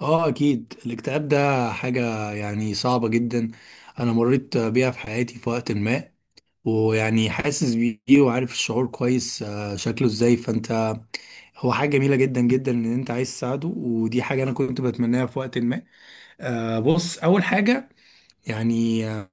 اه، اكيد الاكتئاب ده حاجة صعبة جدا. انا مريت بيها في حياتي في وقت ما، ويعني حاسس بيه وعارف الشعور كويس. شكله ازاي؟ فانت هو حاجة جميلة جدا جدا ان انت عايز تساعده، ودي حاجة انا كنت بتمناها في وقت ما. بص، اول حاجة يعني آه،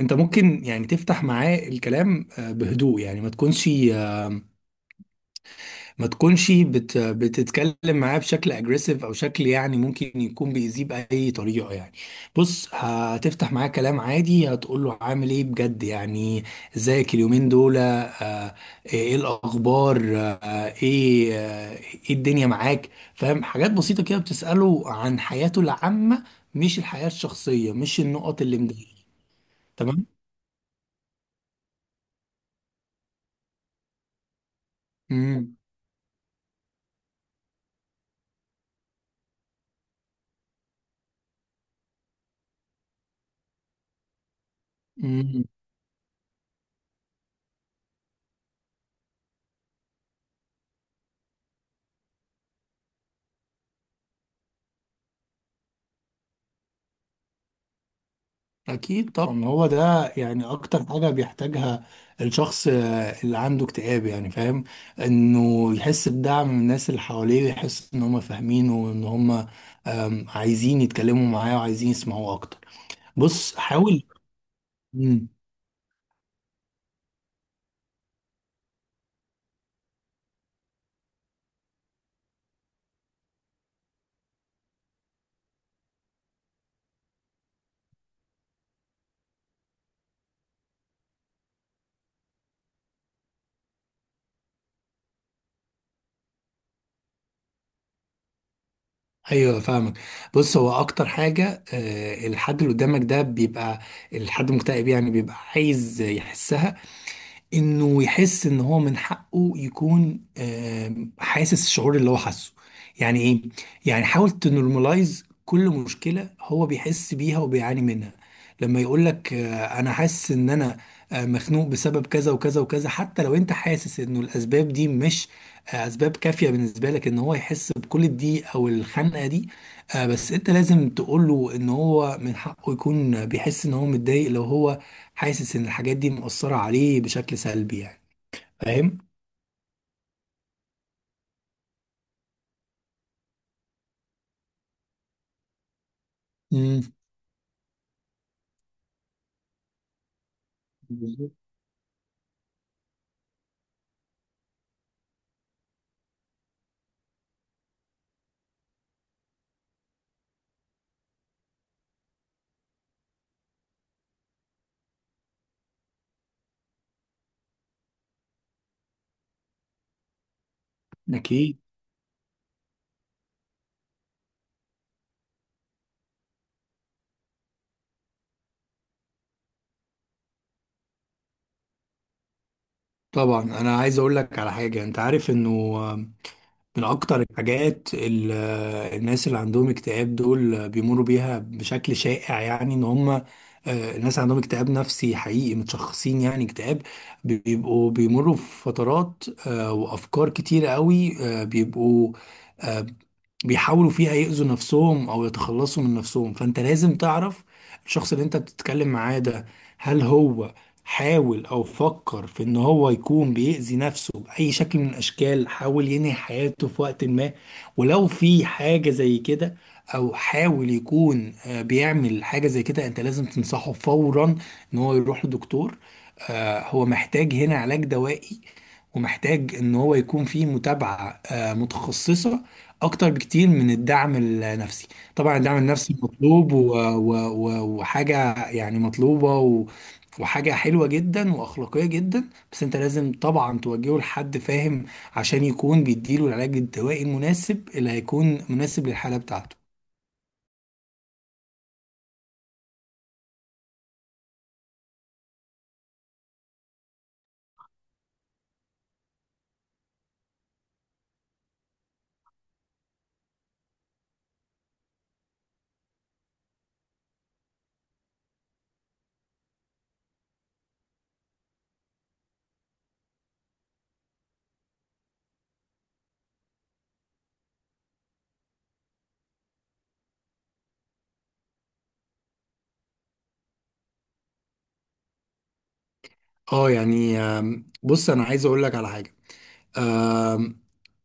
انت ممكن تفتح معاه الكلام بهدوء، يعني آه، ما تكونش بتتكلم معاه بشكل اجريسيف او شكل ممكن يكون بيأذيه باي طريقه يعني. بص، هتفتح معاه كلام عادي، هتقول له عامل ايه بجد؟ يعني ازيك اليومين دول؟ ايه الاخبار؟ ايه الدنيا معاك؟ فاهم، حاجات بسيطه كده، بتسأله عن حياته العامه، مش الحياه الشخصيه، مش النقط اللي مضايقاه. تمام. امم. أكيد طبعا، هو ده أكتر حاجة بيحتاجها الشخص اللي عنده اكتئاب، يعني فاهم، إنه يحس بدعم من الناس اللي حواليه، ويحس إن هم فاهمينه، وإن هم عايزين يتكلموا معاه وعايزين يسمعوه أكتر. بص، حاول. مم. أيوه، فاهمك. بص، هو أكتر حاجة الحد اللي قدامك ده بيبقى، الحد المكتئب يعني، بيبقى عايز يحسها، انه يحس ان هو من حقه يكون حاسس الشعور اللي هو حاسه. يعني ايه؟ يعني حاول تنورماليز كل مشكله هو بيحس بيها وبيعاني منها. لما يقول لك انا حاسس ان انا مخنوق بسبب كذا وكذا وكذا، حتى لو انت حاسس انه الاسباب دي مش اسباب كافيه بالنسبه لك ان هو يحس بكل دي او الخنقه دي، بس انت لازم تقول له ان هو من حقه يكون بيحس ان هو متضايق، لو هو حاسس ان الحاجات دي مؤثرة عليه بشكل سلبي يعني فاهم. امم، بالظبط. اكيد طبعا، انا عايز اقول لك على حاجة، انت عارف انه من أكتر الحاجات الناس اللي عندهم اكتئاب دول بيمروا بيها بشكل شائع، يعني إن هم الناس عندهم اكتئاب نفسي حقيقي متشخصين، يعني اكتئاب، بيبقوا بيمروا في فترات وأفكار كتيرة قوي، آه، بيبقوا آه، بيحاولوا فيها يأذوا نفسهم أو يتخلصوا من نفسهم. فأنت لازم تعرف الشخص اللي أنت بتتكلم معاه ده، هل هو حاول او فكر في ان هو يكون بيأذي نفسه بأي شكل من الاشكال، حاول ينهي حياته في وقت ما. ولو في حاجة زي كده، او حاول يكون بيعمل حاجة زي كده، انت لازم تنصحه فورا ان هو يروح لدكتور. هو محتاج هنا علاج دوائي، ومحتاج ان هو يكون فيه متابعة متخصصة اكتر بكتير من الدعم النفسي. طبعا الدعم النفسي مطلوب، وحاجة يعني مطلوبة، وحاجة حلوة جدا وأخلاقية جدا، بس أنت لازم طبعا توجهه لحد فاهم عشان يكون بيديله العلاج الدوائي المناسب اللي هيكون مناسب للحالة بتاعته. اه يعني بص، أنا عايز أقول لك على حاجة. آم،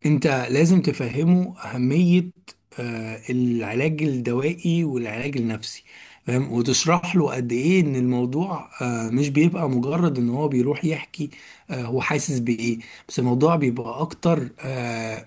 أنت لازم تفهمه أهمية العلاج الدوائي والعلاج النفسي، فاهم، وتشرح له قد ايه ان الموضوع مش بيبقى مجرد ان هو بيروح يحكي هو حاسس بايه، بس الموضوع بيبقى اكتر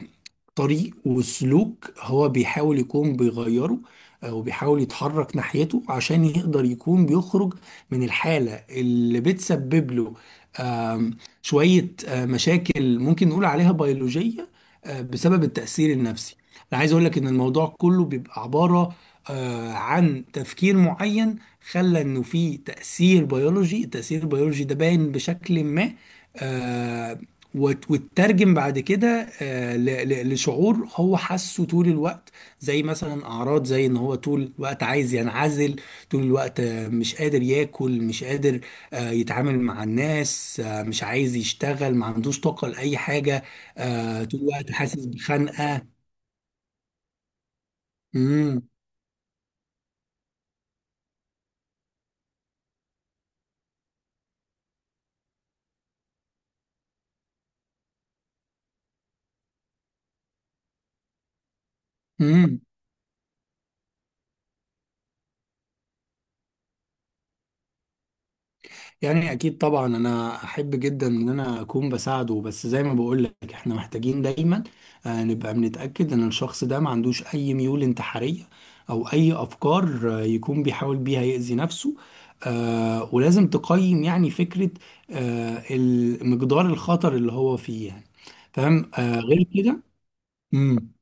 طريق وسلوك هو بيحاول يكون بيغيره، او بيحاول يتحرك ناحيته عشان يقدر يكون بيخرج من الحالة اللي بتسبب له شوية مشاكل ممكن نقول عليها بيولوجية بسبب التأثير النفسي. انا عايز اقول لك ان الموضوع كله بيبقى عبارة عن تفكير معين، خلى انه في تأثير بيولوجي. التأثير البيولوجي ده باين بشكل ما، آه، وتترجم بعد كده لشعور هو حاسه طول الوقت، زي مثلا اعراض زي ان هو طول الوقت عايز ينعزل، طول الوقت مش قادر ياكل، مش قادر يتعامل مع الناس، مش عايز يشتغل، ما عندوش طاقة لأي حاجة، طول الوقت حاسس بخنقة. امم. يعني اكيد طبعا، انا احب جدا ان انا اكون بساعده، بس زي ما بقول لك احنا محتاجين دايما نبقى بنتاكد ان الشخص ده ما عندوش اي ميول انتحاريه، او اي افكار يكون بيحاول بيها يأذي نفسه، ولازم تقيم يعني فكره مقدار الخطر اللي هو فيه، يعني فاهم. غير كده. مم.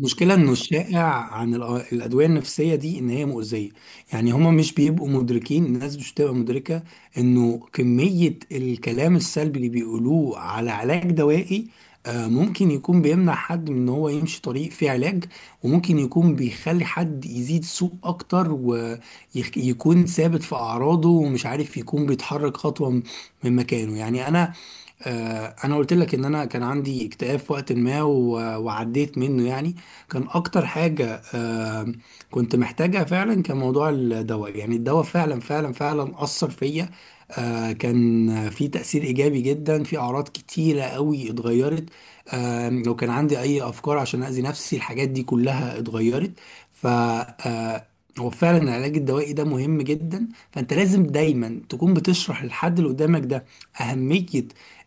المشكلة انه الشائع عن الأدوية النفسية دي ان هي مؤذية، يعني هما مش بيبقوا مدركين، الناس مش بتبقى مدركة انه كمية الكلام السلبي اللي بيقولوه على علاج دوائي ممكن يكون بيمنع حد من ان هو يمشي طريق فيه علاج، وممكن يكون بيخلي حد يزيد سوء اكتر ويكون ثابت في اعراضه ومش عارف يكون بيتحرك خطوة من مكانه. انا قلت لك ان انا كان عندي اكتئاب في وقت ما وعديت منه. يعني كان اكتر حاجة كنت محتاجها فعلا كان موضوع الدواء. يعني الدواء فعلا فعلا فعلا اثر فيا، كان في تأثير ايجابي جدا، في اعراض كتيرة قوي اتغيرت. لو كان عندي اي افكار عشان اذي نفسي، الحاجات دي كلها اتغيرت. ف آه، هو فعلا العلاج الدوائي ده مهم جدا، فانت لازم دايما تكون بتشرح للحد اللي قدامك ده أهمية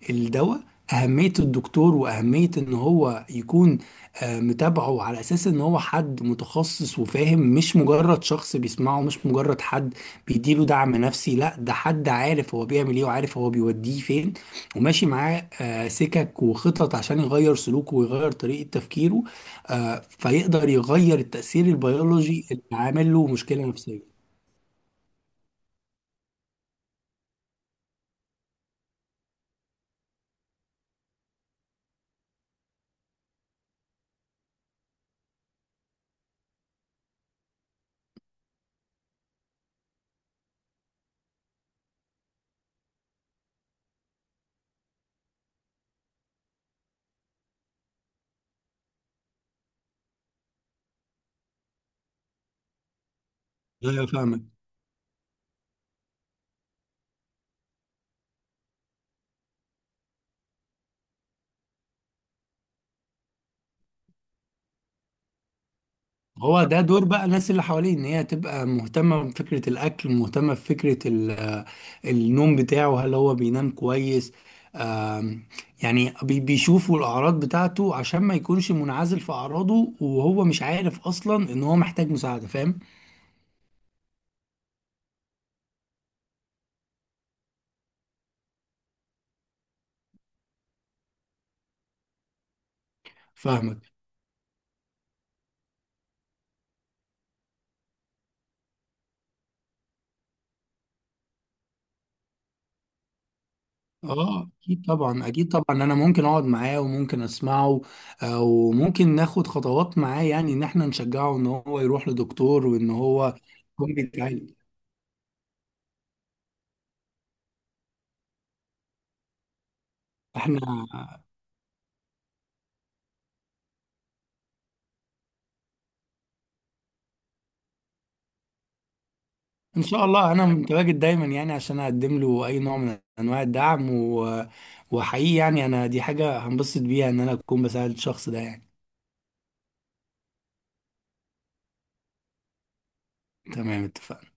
الدواء، أهمية الدكتور، وأهمية إن هو يكون متابعه على أساس إن هو حد متخصص وفاهم، مش مجرد شخص بيسمعه، مش مجرد حد بيديله دعم نفسي. لا، ده حد عارف هو بيعمل إيه وعارف هو بيوديه فين، وماشي معاه سكك وخطط عشان يغير سلوكه ويغير طريقة تفكيره، فيقدر يغير التأثير البيولوجي اللي عامل له مشكلة نفسية. أيوة، فاهمك. هو ده دور بقى الناس اللي حواليه، ان هي تبقى مهتمة بفكرة الاكل، مهتمة بفكرة النوم بتاعه، هل هو بينام كويس. آم، يعني بيشوفوا الاعراض بتاعته عشان ما يكونش منعزل في اعراضه وهو مش عارف اصلا ان هو محتاج مساعدة، فاهم. فاهمك. اه اكيد طبعا، اكيد طبعا، انا ممكن اقعد معاه وممكن اسمعه، وممكن ناخد خطوات معاه، يعني ان احنا نشجعه ان هو يروح لدكتور وان هو يكون بيتعالج. احنا ان شاء الله انا متواجد دايما يعني عشان اقدم له اي نوع من انواع الدعم، و... وحقيقي يعني انا دي حاجه هنبسط بيها ان انا اكون بساعد الشخص ده يعني. تمام، اتفقنا.